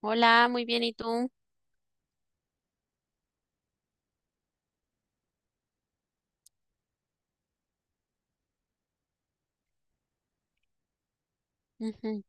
Hola, muy bien, ¿y tú? Ujú.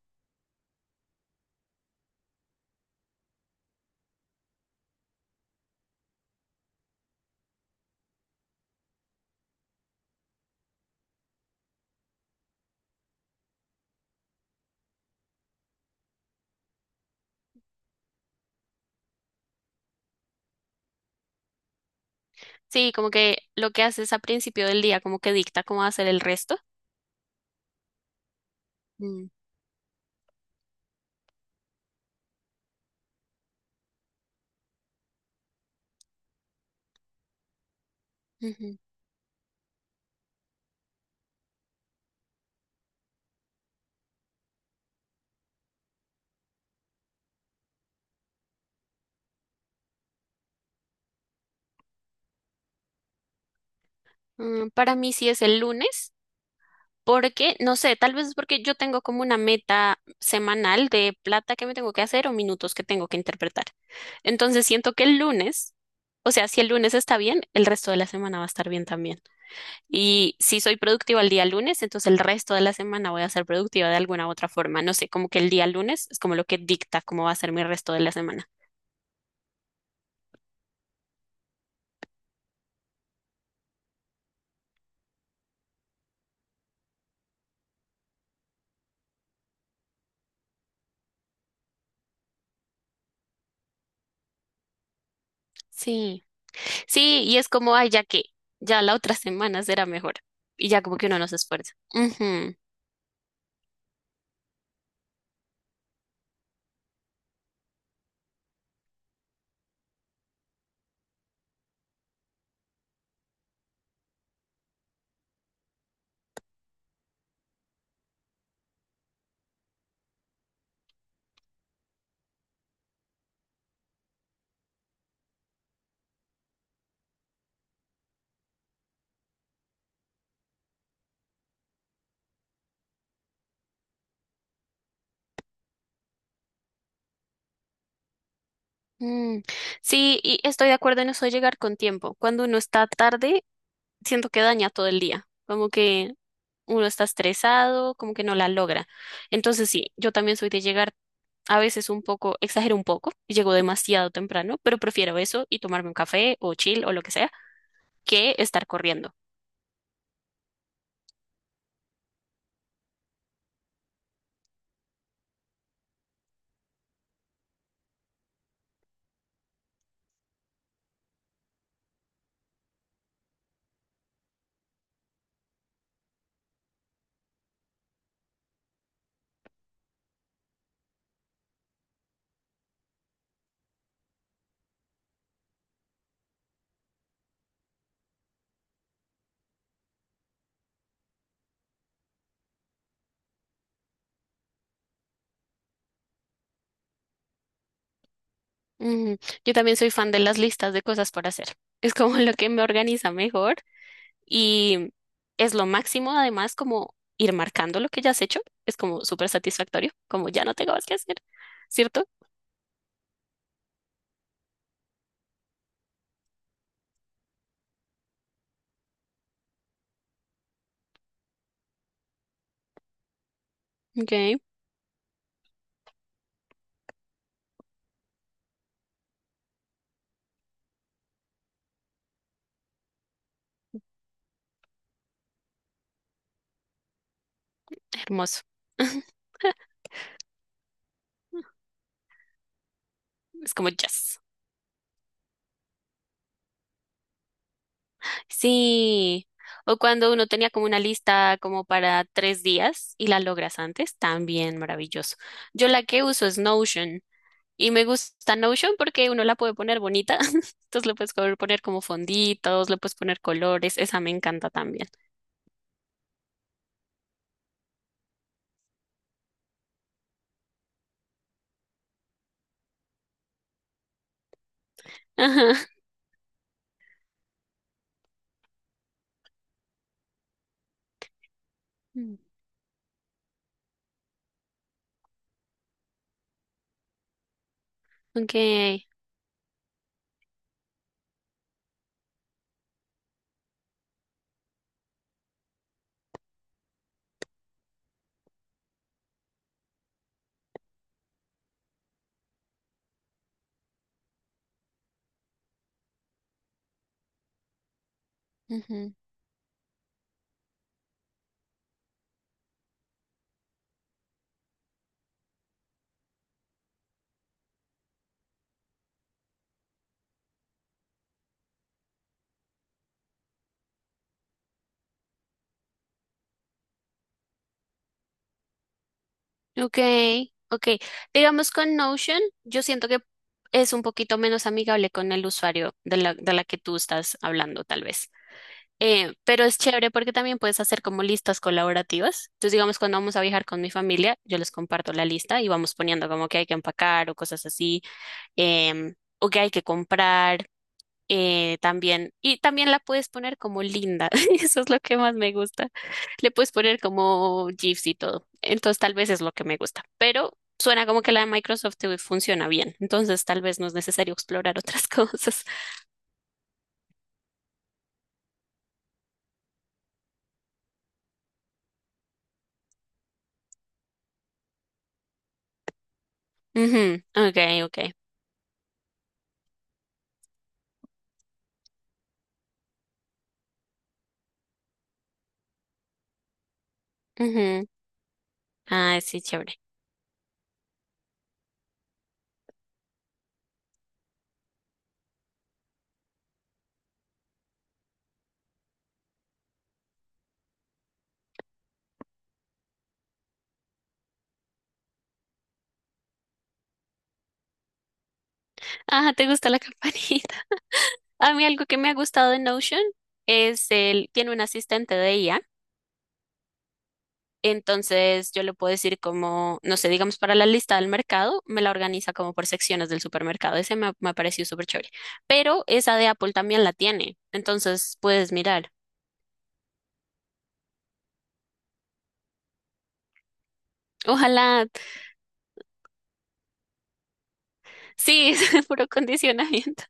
Sí, como que lo que haces a principio del día, como que dicta cómo va a ser el resto. Mm, ujú. Mm, para mí sí es el lunes, porque, no sé, tal vez es porque yo tengo como una meta semanal de plata que me tengo que hacer o minutos que tengo que interpretar. Entonces siento que el lunes, o sea, si el lunes está bien, el resto de la semana va a estar bien también. Y si soy productiva el día lunes, entonces el resto de la semana voy a ser productiva de alguna u otra forma. No sé, como que el día lunes es como lo que dicta cómo va a ser mi resto de la semana. Sí, sí, y es como, ay, ya que, ya la otra semana será mejor. Y ya como que uno no se esfuerza. Ujú. Mm. Sí, y estoy de acuerdo en eso de llegar con tiempo. Cuando uno está tarde, siento que daña todo el día. Como que uno está estresado, como que no la logra. Entonces sí, yo también soy de llegar a veces un poco, exagero un poco, y llego demasiado temprano, pero prefiero eso y tomarme un café o chill o lo que sea, que estar corriendo. Ujú. Yo también soy fan de las listas de cosas por hacer. Es como lo que me organiza mejor y es lo máximo, además, como ir marcando lo que ya has hecho. Es como súper satisfactorio, como ya no tengo más que hacer, ¿cierto? Ok. Hermoso. Es como jazz. Sí. O cuando uno tenía como una lista como para tres días y la logras antes, también maravilloso. Yo la que uso es Notion y me gusta Notion porque uno la puede poner bonita. Entonces le puedes poner como fonditos, le puedes poner colores. Esa me encanta también. Ajá. Mm, ok. Ujú. Ok, ok. Digamos con Notion, yo siento que es un poquito menos amigable con el usuario de la que tú estás hablando, tal vez. Pero es chévere porque también puedes hacer como listas colaborativas. Entonces, digamos, cuando vamos a viajar con mi familia, yo les comparto la lista y vamos poniendo como que hay que empacar o cosas así, o que hay que comprar también, y también la puedes poner como linda, eso es lo que más me gusta. Le puedes poner como GIFs y todo, entonces tal vez es lo que me gusta, pero suena como que la de Microsoft te funciona bien, entonces tal vez no es necesario explorar otras cosas. Ujú, Ok, ok. ujú. Ah, sí, chévere. Ah, ¿te gusta la campanita? A mí algo que me ha gustado de Notion es el, tiene un asistente de IA. Entonces yo le puedo decir como, no sé, digamos para la lista del mercado, me la organiza como por secciones del supermercado. Me ha parecido súper chévere. Pero esa de Apple también la tiene. Entonces puedes mirar. Ojalá, sí, es puro condicionamiento.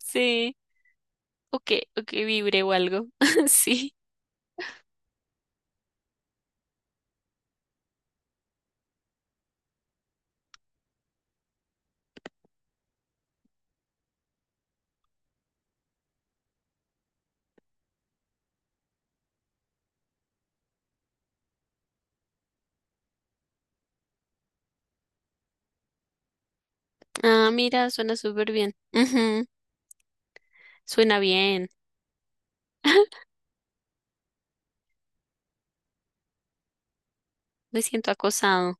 Sí, o que vibre o algo. Sí. Ah, mira, suena súper bien. Ujú, suena bien. Me siento acosado.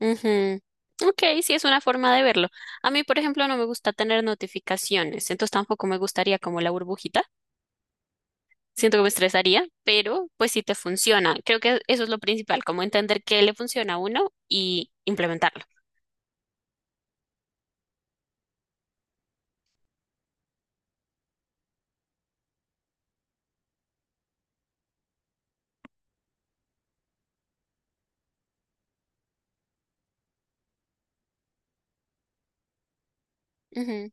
Ujú. Ok, sí es una forma de verlo. A mí, por ejemplo, no me gusta tener notificaciones, entonces tampoco me gustaría como la burbujita. Siento que me estresaría, pero pues sí te funciona. Creo que eso es lo principal, como entender qué le funciona a uno y implementarlo. Ujú,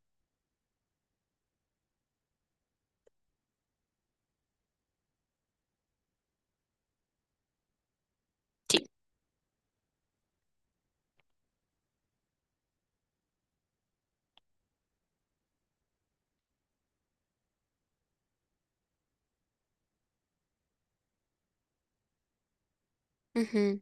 sí. Ujú.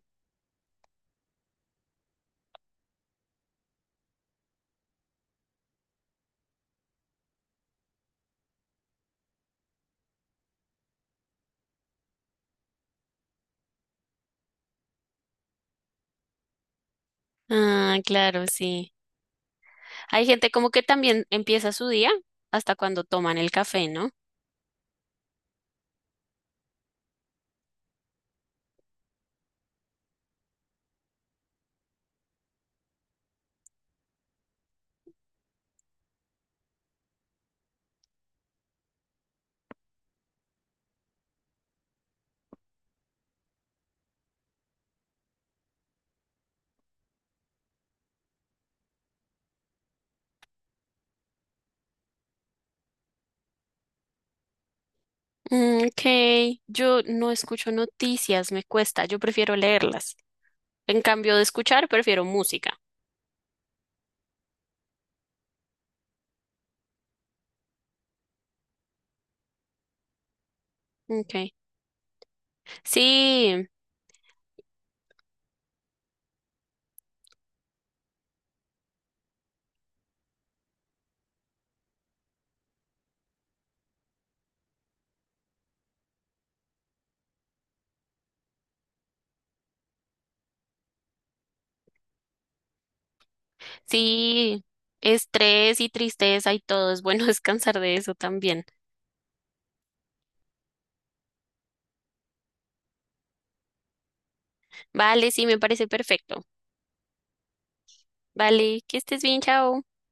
Ah, claro, sí. Hay gente como que también empieza su día hasta cuando toman el café, ¿no? Mm, ok, yo no escucho noticias, me cuesta, yo prefiero leerlas. En cambio de escuchar, prefiero música. Ok, sí, sí, estrés y tristeza y todo, es bueno descansar de eso también. Vale, sí, me parece perfecto. Vale, que estés bien, chao.